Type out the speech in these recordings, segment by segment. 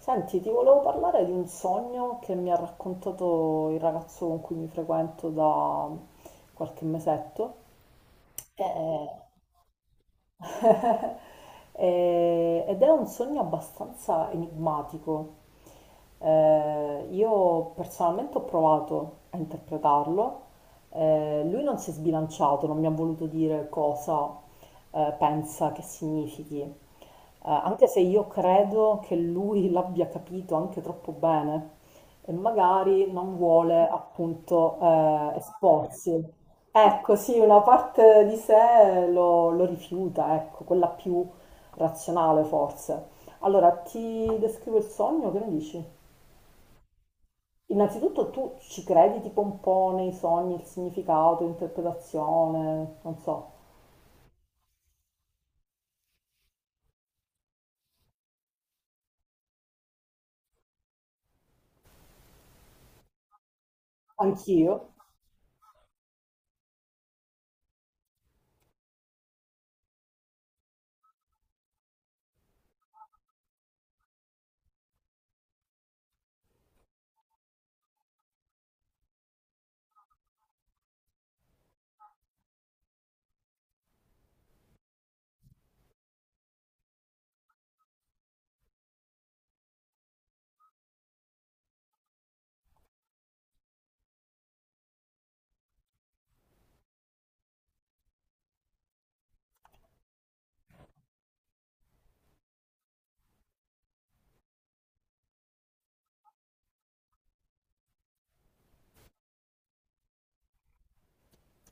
Senti, ti volevo parlare di un sogno che mi ha raccontato il ragazzo con cui mi frequento da qualche mesetto. Eh, ed è un sogno abbastanza enigmatico. Io personalmente ho provato a interpretarlo. Lui non si è sbilanciato, non mi ha voluto dire cosa pensa che significhi. Anche se io credo che lui l'abbia capito anche troppo bene e magari non vuole appunto esporsi. Ecco, sì, una parte di sé lo rifiuta, ecco, quella più razionale forse. Allora, ti descrivo il sogno, che ne dici? Innanzitutto tu ci credi tipo un po' nei sogni, il significato, l'interpretazione, non so, anch'io.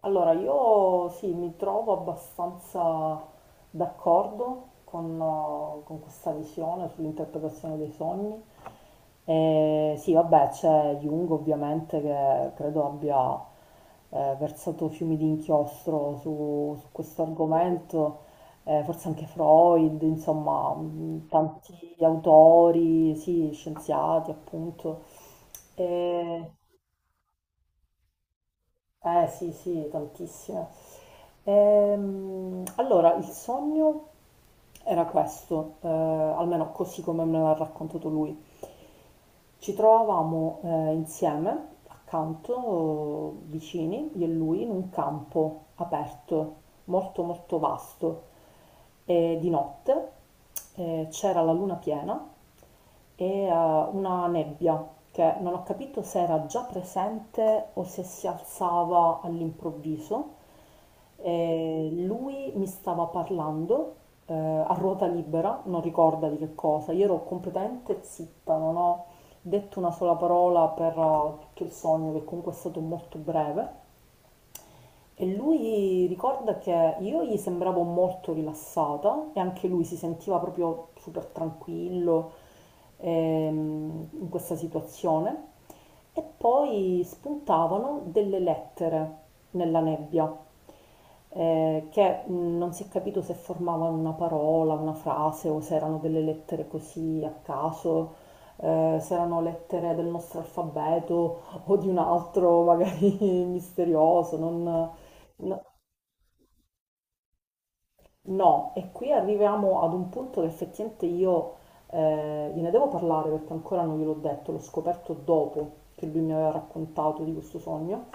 Allora, io sì, mi trovo abbastanza d'accordo con questa visione sull'interpretazione dei sogni. E sì, vabbè, c'è Jung ovviamente che credo abbia versato fiumi di inchiostro su questo argomento, forse anche Freud, insomma, tanti autori, sì, scienziati appunto. E sì, sì, tantissime. Allora, il sogno era questo, almeno così come me l'ha raccontato lui. Ci trovavamo insieme, accanto, vicini, io e lui, in un campo aperto, molto molto vasto. E di notte c'era la luna piena e una nebbia che non ho capito se era già presente o se si alzava all'improvviso. E lui mi stava parlando a ruota libera, non ricorda di che cosa, io ero completamente zitta, non ho detto una sola parola per tutto il sogno, che comunque è stato molto breve. E lui ricorda che io gli sembravo molto rilassata e anche lui si sentiva proprio super tranquillo in questa situazione. E poi spuntavano delle lettere nella nebbia, che non si è capito se formavano una parola, una frase o se erano delle lettere così a caso, se erano lettere del nostro alfabeto o di un altro magari misterioso, non, no, no, e qui arriviamo ad un punto che effettivamente io gliene devo parlare perché ancora non gliel'ho detto, l'ho scoperto dopo che lui mi aveva raccontato di questo sogno.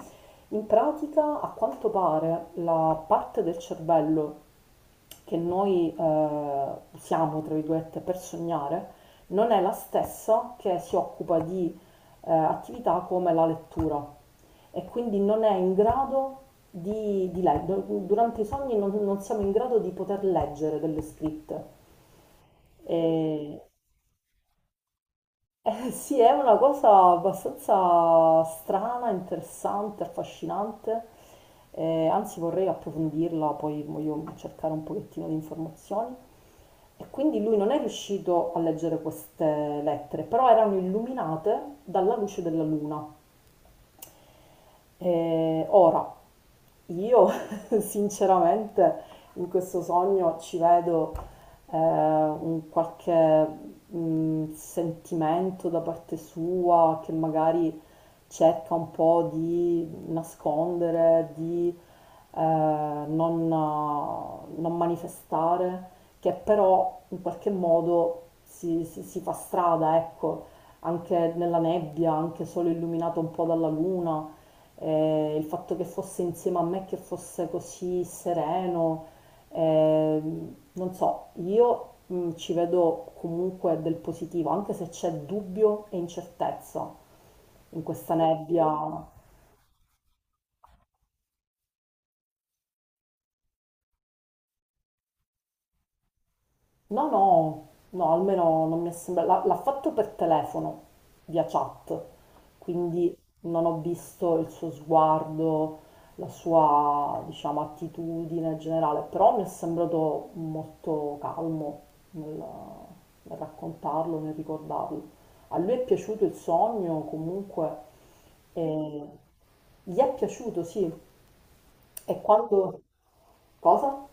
In pratica, a quanto pare, la parte del cervello che noi usiamo, tra virgolette, per sognare, non è la stessa che si occupa di attività come la lettura e quindi non è in grado di leggere, durante i sogni non siamo in grado di poter leggere delle scritte. E, sì, è una cosa abbastanza strana, interessante, affascinante, anzi vorrei approfondirla, poi voglio cercare un pochettino di informazioni. E quindi lui non è riuscito a leggere queste lettere, però erano illuminate dalla luce della luna. Ora, io sinceramente in questo sogno ci vedo un qualche sentimento da parte sua che magari cerca un po' di nascondere, di non manifestare, che però in qualche modo si fa strada, ecco, anche nella nebbia, anche solo illuminato un po' dalla luna il fatto che fosse insieme a me, che fosse così sereno, eh, non so, io ci vedo comunque del positivo, anche se c'è dubbio e incertezza in questa nebbia. No, no, no, almeno non mi è sembrato. L'ha fatto per telefono, via chat, quindi non ho visto il suo sguardo, la sua, diciamo, attitudine generale, però mi è sembrato molto calmo nel, nel raccontarlo, nel ricordarlo. A lui è piaciuto il sogno, comunque, e gli è piaciuto, sì. E quando... Cosa?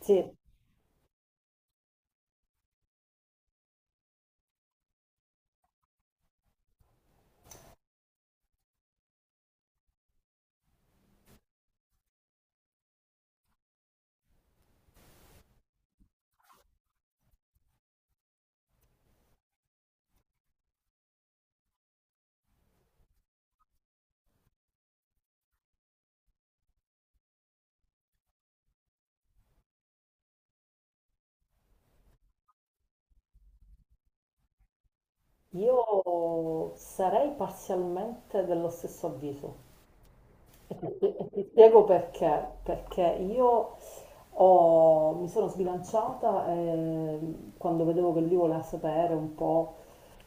Sì. Io sarei parzialmente dello stesso avviso. Ti spiego perché, perché mi sono sbilanciata quando vedevo che lui voleva sapere un po'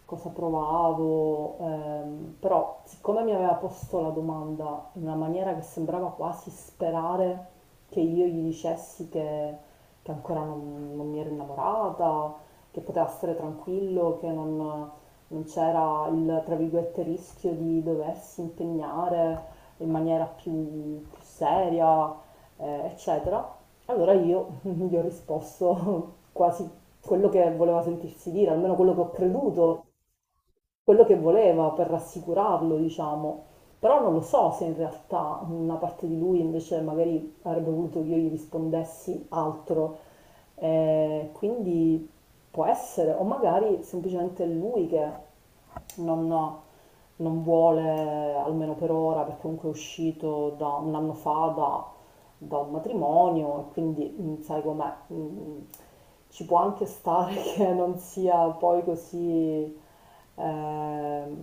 cosa provavo, però siccome mi aveva posto la domanda in una maniera che sembrava quasi sperare che io gli dicessi che ancora non mi ero innamorata, che poteva stare tranquillo, che non non c'era il, tra virgolette, rischio di doversi impegnare in maniera più seria, eccetera. Allora io gli ho risposto quasi quello che voleva sentirsi dire, almeno quello che ho creduto, quello che voleva per rassicurarlo, diciamo. Però non lo so se in realtà una parte di lui invece magari avrebbe voluto che io gli rispondessi altro. Quindi può essere, o magari semplicemente lui che non non vuole, almeno per ora, perché comunque è uscito da un anno fa da un matrimonio e quindi mm, sai com'è, mm, mm, ci può anche stare che non sia poi così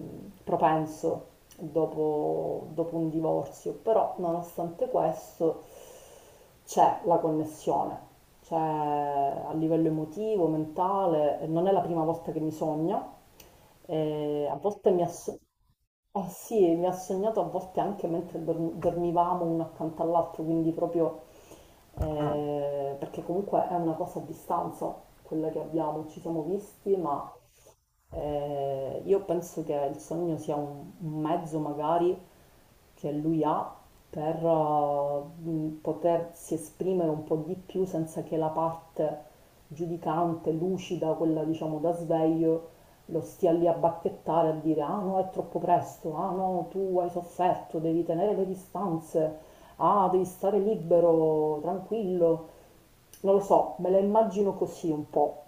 propenso dopo un divorzio, però nonostante questo c'è la connessione, c'è a livello emotivo, mentale, non è la prima volta che mi sogna, a volte mi associa... Eh sì, e mi ha sognato a volte anche mentre dormivamo uno accanto all'altro, quindi proprio ah, perché comunque è una cosa a distanza quella che abbiamo, ci siamo visti, ma io penso che il sogno sia un mezzo magari che lui ha per potersi esprimere un po' di più senza che la parte giudicante, lucida, quella diciamo da sveglio, lo stia lì a bacchettare, a dire ah no è troppo presto, ah no tu hai sofferto, devi tenere le distanze, ah devi stare libero, tranquillo. Non lo so, me la immagino così un po'.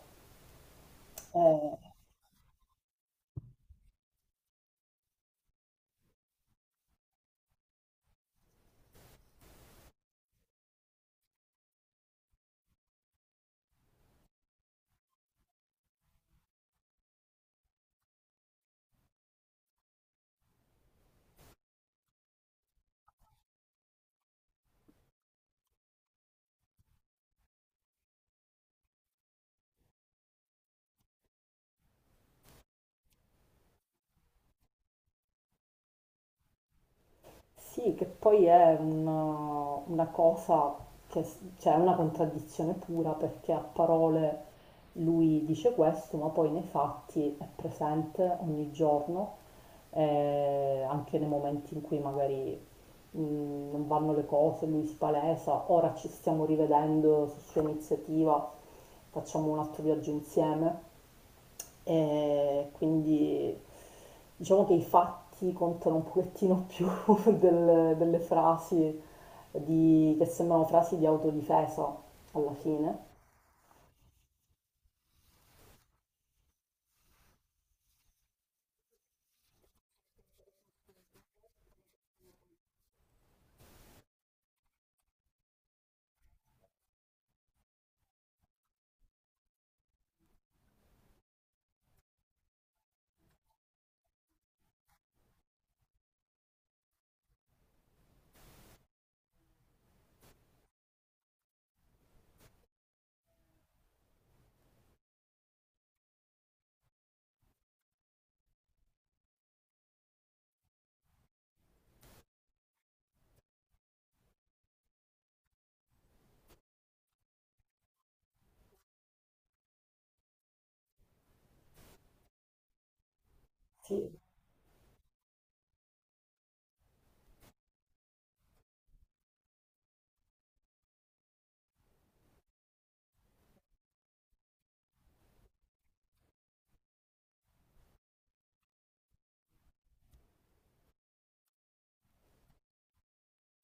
Eh, Sì, che poi è una cosa che cioè, è una contraddizione pura perché a parole lui dice questo, ma poi nei fatti è presente ogni giorno, anche nei momenti in cui magari non vanno le cose, lui si palesa, ora ci stiamo rivedendo su sua iniziativa, facciamo un altro viaggio insieme. E quindi diciamo che i fatti contano un pochettino più delle frasi che sembrano frasi di autodifesa alla fine. Sì,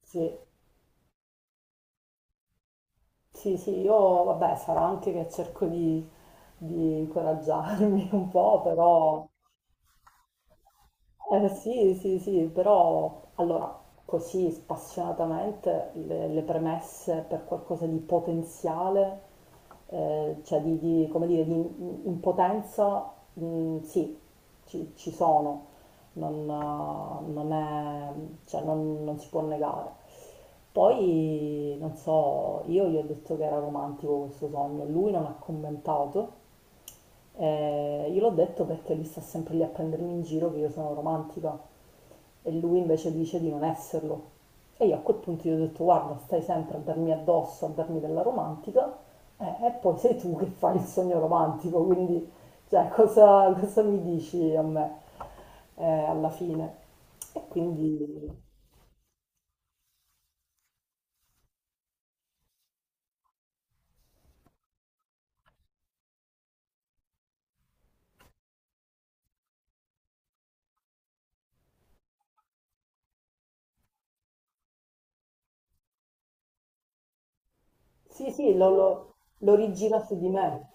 sì, sì, sì, io vabbè, sarà anche che cerco di incoraggiarmi un po', però eh, sì, sì, sì, però allora così spassionatamente le premesse per qualcosa di potenziale, cioè come dire, di impotenza, mm, sì, ci sono, non è, cioè non si può negare. Poi, non so, io gli ho detto che era romantico questo sogno, lui non ha commentato, io l'ho detto perché lui sta sempre lì a prendermi in giro che io sono romantica e lui invece dice di non esserlo. E io a quel punto gli ho detto guarda, stai sempre a darmi addosso, a darmi della romantica e poi sei tu che fai il sogno romantico, quindi cioè, cosa mi dici a me alla fine? E quindi sì, sì, lo rigina su di me.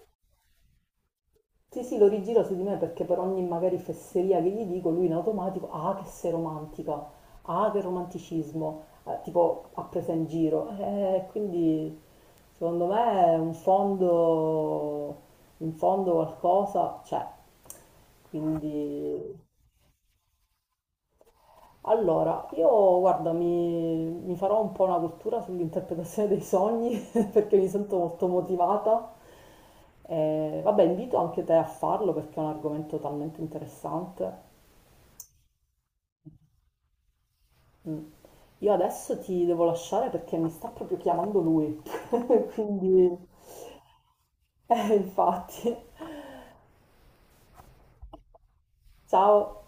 Sì, sì, lo rigira su di me perché per ogni magari fesseria che gli dico, lui in automatico, ah che sei romantica, ah che romanticismo, tipo ha preso in giro. Quindi secondo me in fondo qualcosa c'è. Quindi allora, io guarda, mi farò un po' una cultura sull'interpretazione dei sogni perché mi sento molto motivata. Vabbè, invito anche te a farlo perché è un argomento talmente interessante. Mm. Io adesso ti devo lasciare perché mi sta proprio chiamando lui, quindi infatti. Ciao.